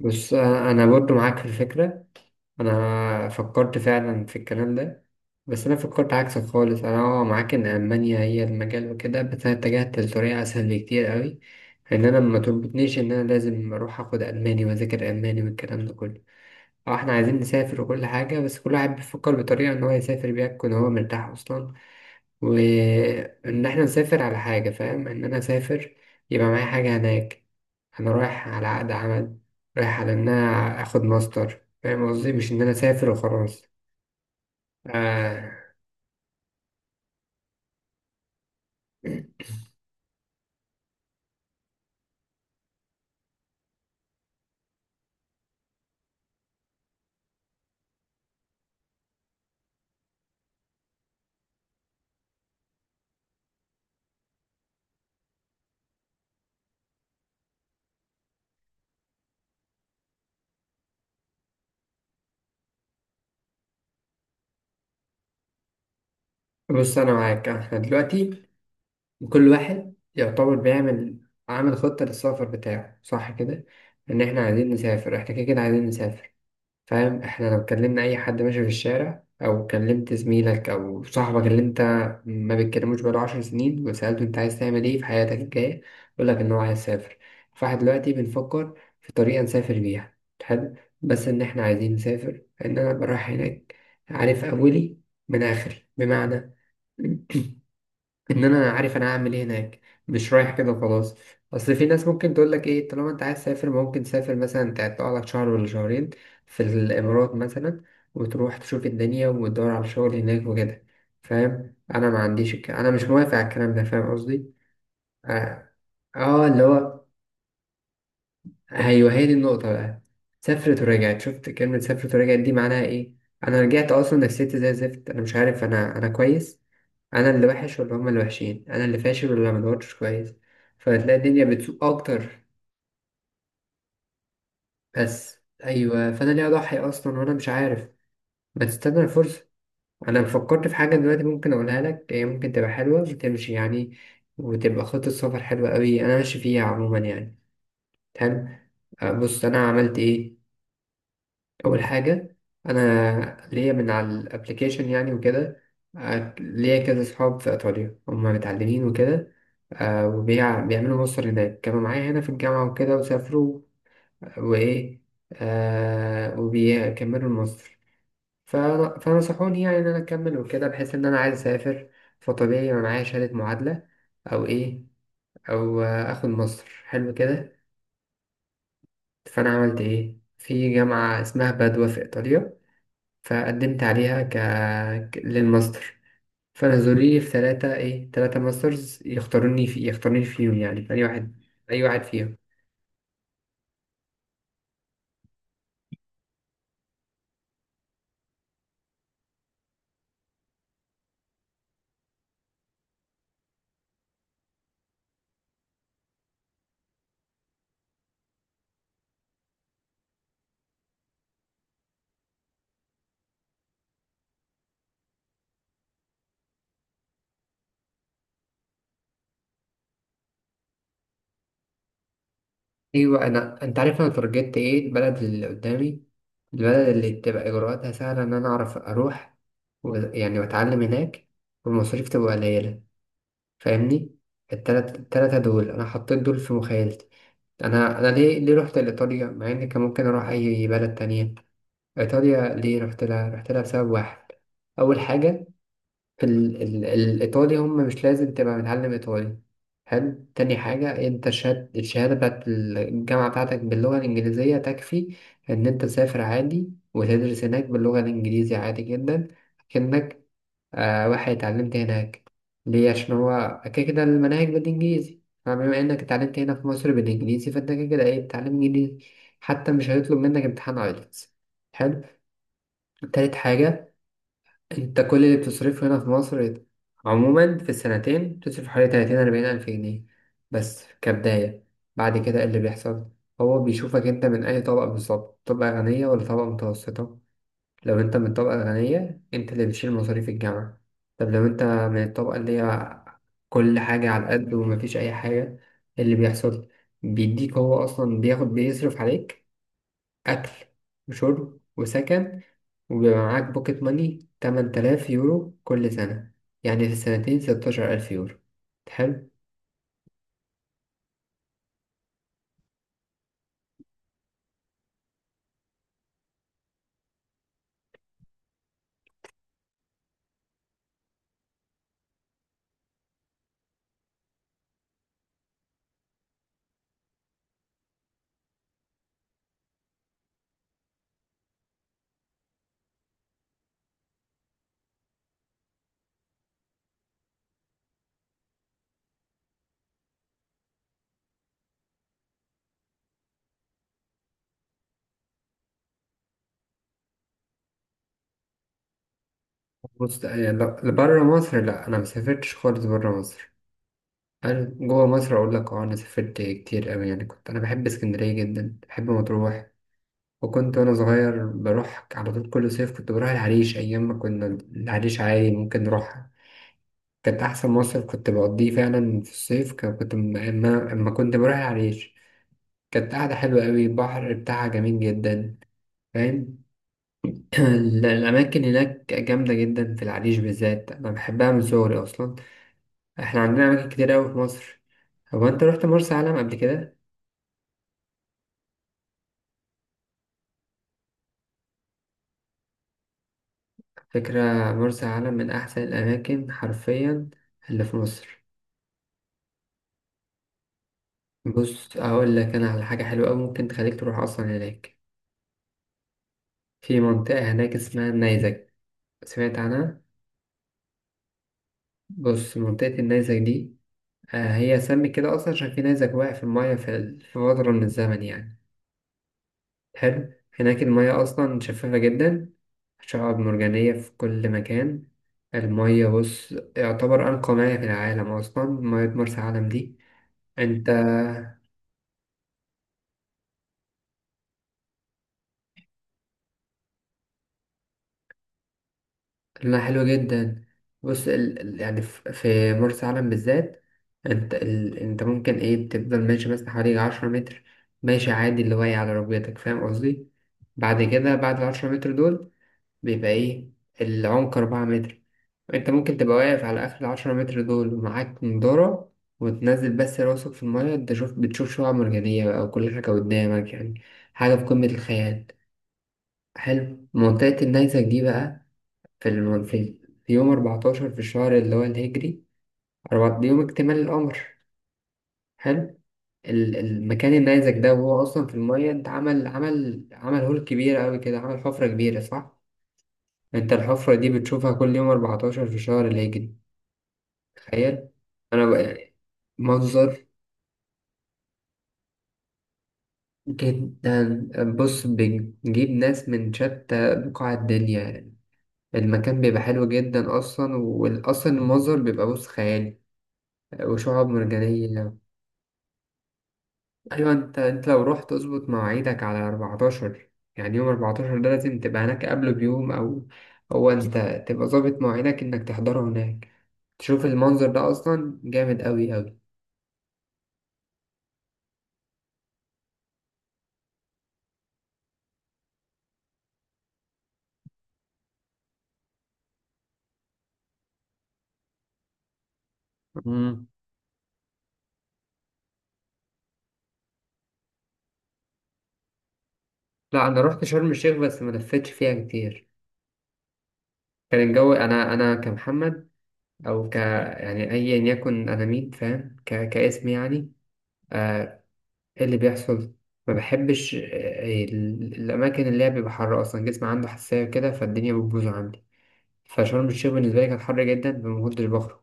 بص، أنا برضو معاك في الفكره. انا فكرت فعلا في الكلام ده. بس انا فكرت عكسك خالص، انا معاك ان المانيا هي المجال وكده، بس انا اتجهت لطريقه اسهل بكتير قوي، ان انا ما تربطنيش ان انا لازم اروح اخد الماني واذاكر الماني والكلام ده كله. اه احنا عايزين نسافر وكل حاجه، بس كل واحد بيفكر بطريقه ان هو يسافر بيها يكون هو مرتاح اصلا، وإن إحنا نسافر على حاجة. فاهم؟ إن أنا أسافر يبقى معايا حاجة هناك. أنا رايح على عقد عمل، رايح على إن أنا آخد ماستر. فاهم قصدي؟ مش إن أنا أسافر وخلاص. آه. بص أنا معاك. إحنا دلوقتي كل واحد يعتبر بيعمل، عامل خطة للسفر بتاعه، صح كده؟ إن إحنا عايزين نسافر، إحنا كده كده عايزين نسافر. فاهم؟ احنا لو كلمنا اي حد ماشي في الشارع، او كلمت زميلك او صاحبك اللي انت ما بتكلموش بقاله 10 سنين، وسألته انت عايز تعمل ايه في حياتك الجاية، يقولك ان هو عايز يسافر. فاحنا دلوقتي بنفكر في طريقة نسافر بيها. حلو. بس ان احنا عايزين نسافر، ان انا أبقى رايح هناك عارف اولي من اخري، بمعنى ان انا عارف انا هعمل ايه هناك، مش رايح كده وخلاص. اصل في ناس ممكن تقول لك ايه، طالما انت عايز تسافر ممكن تسافر مثلا، تقعد لك شهر ولا شهرين في الامارات مثلا، وتروح تشوف الدنيا وتدور على شغل هناك وكده. فاهم؟ انا ما عنديش انا مش موافق على الكلام ده. فاهم قصدي؟ اه. اللي هو، ايوه هي دي النقطه بقى. سافرت ورجعت؟ شفت كلمه سافرت ورجعت دي معناها ايه؟ انا رجعت اصلا نفسيتي زي الزفت، انا مش عارف انا كويس، انا اللي وحش ولا هما اللي وحشين، انا اللي فاشل ولا ما دورتش كويس، فتلاقي الدنيا بتسوق اكتر. بس ايوه، فانا ليه اضحي اصلا وانا مش عارف؟ ما تستنى الفرصه. انا فكرت في حاجه دلوقتي ممكن اقولها لك، هي ممكن تبقى حلوه وتمشي يعني، وتبقى خطه سفر حلوه قوي انا ماشي فيها عموما يعني. حلو. بص انا عملت ايه. اول حاجه، انا ليا من على الابليكيشن يعني وكده. ليا كذا صحاب في ايطاليا هم متعلمين وكده، بيعملوا ماستر هناك، كانوا معايا هنا في الجامعه وكده وسافروا. وايه، وبيكملوا الماستر. فنصحوني يعني ان انا اكمل وكده، بحيث ان انا عايز اسافر، فطبيعي يبقى معايا شهاده معادله او ايه، او اخد ماستر حلو كده. فانا عملت ايه؟ في جامعه اسمها بادوا في ايطاليا، فقدمت عليها للماستر. فنزلوا لي في ثلاثة ماسترز، يختاروني فيهم يعني في اي واحد، اي واحد فيهم. ايوه، انت عارف انا ترجت ايه؟ البلد اللي قدامي، البلد اللي تبقى اجراءاتها سهلة ان انا اعرف اروح، يعني واتعلم هناك، والمصاريف تبقى قليلة. فاهمني؟ التلاتة دول انا حطيت دول في مخيلتي. انا ليه رحت لايطاليا، مع ان كان ممكن اروح اي بلد تانية؟ إيطاليا ليه رحت لها؟ رحت لها بسبب واحد. أول حاجة، في الإيطالي هم مش لازم تبقى متعلم إيطالي. حلو. تاني حاجة، أنت الشهادة بتاعت الجامعة بتاعتك باللغة الإنجليزية تكفي إن أنت تسافر عادي وتدرس هناك باللغة الإنجليزية عادي جدا، كأنك واحد اتعلمت هناك. ليه؟ عشان هو كده كده المناهج بالإنجليزي، فبما إنك اتعلمت هنا في مصر بالإنجليزي فأنت كده كده إيه؟ بتتعلم إنجليزي. حتى مش هيطلب منك امتحان أيلتس. حلو. تالت حاجة، أنت كل اللي بتصرفه هنا في مصر عموما في السنتين بتصرف حوالي تلاتين أربعين ألف جنيه، بس كبداية. بعد كده إيه اللي بيحصل؟ هو بيشوفك أنت من أي طبقة بالظبط، طبقة غنية ولا طبقة متوسطة. لو أنت من الطبقة الغنية أنت اللي بتشيل مصاريف الجامعة. طب لو أنت من الطبقة اللي هي كل حاجة على قد ومفيش أي حاجة، إيه اللي بيحصل؟ بيديك، هو أصلا بيصرف عليك أكل وشرب وسكن، وبيبقى معاك بوكيت ماني 8000 يورو كل سنة، يعني في السنتين 16,000 يورو. حلو. بص يعني، لبرا مصر لا، أنا مسافرتش خالص برا مصر. أنا جوا مصر أقول لك، أنا سافرت كتير أوي يعني، كنت أنا بحب اسكندرية جدا، بحب مطروح، وأنا صغير بروح على طول كل صيف. كنت بروح العريش أيام ما كنا، العريش عادي ممكن نروحها. كانت أحسن مصيف كنت بقضيه فعلا في الصيف. كان- كنت م- أما أما كنت بروح العريش، كانت قاعدة حلوة أوي، البحر بتاعها جميل جدا. فاهم؟ الأماكن هناك جامدة جدا، في العريش بالذات أنا بحبها من صغري أصلا. إحنا عندنا أماكن كتير أوي في مصر. هو أنت رحت مرسى علم قبل كده؟ فكرة. مرسى علم من أحسن الأماكن حرفيا اللي في مصر. بص أقول لك أنا على حاجة حلوة أوي ممكن تخليك تروح أصلا هناك. في منطقة هناك اسمها النيزك. سمعت عنها؟ بص منطقة النيزك دي، هي سمت كده أصلا عشان في نيزك واقع في المية في في فترة من الزمن يعني. حلو. هناك المية أصلا شفافة جدا، شعاب مرجانية في كل مكان. المية بص يعتبر أنقى مياه في العالم أصلا، مية مرسى علم دي. أنت، لونها حلو جدا. بص يعني في مرسى علم بالذات، أنت أنت ممكن تفضل ماشي مثلا حوالي 10 متر، ماشي عادي اللي واقع على ركبتك. فاهم قصدي؟ بعد كده، بعد ال10 متر دول بيبقى إيه؟ العمق 4 متر. أنت ممكن تبقى واقف على آخر ال10 متر دول ومعاك نضارة، وتنزل بس راسك في المية، أنت بتشوف شعاب مرجانية بقى وكل حاجة قدامك يعني، حاجة في قمة الخيال. حلو، منطقة النيزك دي بقى، في, الم... في, في يوم 14 في الشهر اللي هو الهجري، أربعة دي يوم اكتمال القمر. حلو. المكان النيزك ده وهو أصلا في المية، أنت عمل هول كبير أوي كده، عمل حفرة كبيرة، صح؟ انت الحفرة دي بتشوفها كل يوم 14 في شهر الهجري. تخيل. انا بقى، منظر جدا. بص بنجيب ناس من شتى بقاع الدنيا، المكان بيبقى حلو جدا اصلا، واصلا المنظر بيبقى بص خيالي، وشعاب مرجانية. ايوه، انت لو رحت اظبط مواعيدك على 14، يعني يوم 14 ده لازم تبقى هناك قبله بيوم، او هو انت تبقى ظابط مواعيدك انك تحضره هناك تشوف المنظر ده، اصلا جامد قوي قوي. لا، انا رحت شرم الشيخ بس ما لفتش فيها كتير. كان الجو، انا كمحمد، او ك، يعني ايا يكن انا مين، فاهم؟ كاسم يعني. آه. إيه اللي بيحصل؟ ما بحبش الاماكن اللي هي بيبقى حر، اصلا جسمي عنده حساسيه كده فالدنيا بتبوظ عندي. فشرم الشيخ بالنسبه لي كان حر جدا، فما كنتش بخرج.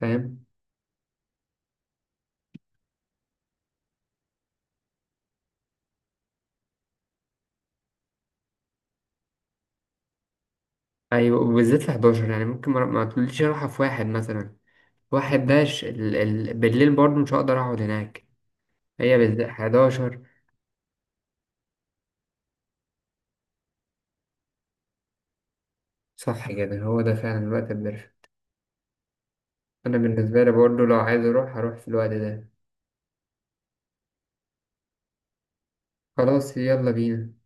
فاهم؟ ايوه، وبالذات في 11، يعني ممكن ما تقوليش اروحها في واحد مثلا، واحد داش، بالليل برضه مش هقدر اقعد هناك. هي بالذات 11. صح كده، هو ده فعلا الوقت البرفكت. أنا بالنسبة لي برضه لو عايز أروح هروح في الوقت ده. خلاص، يلا بينا.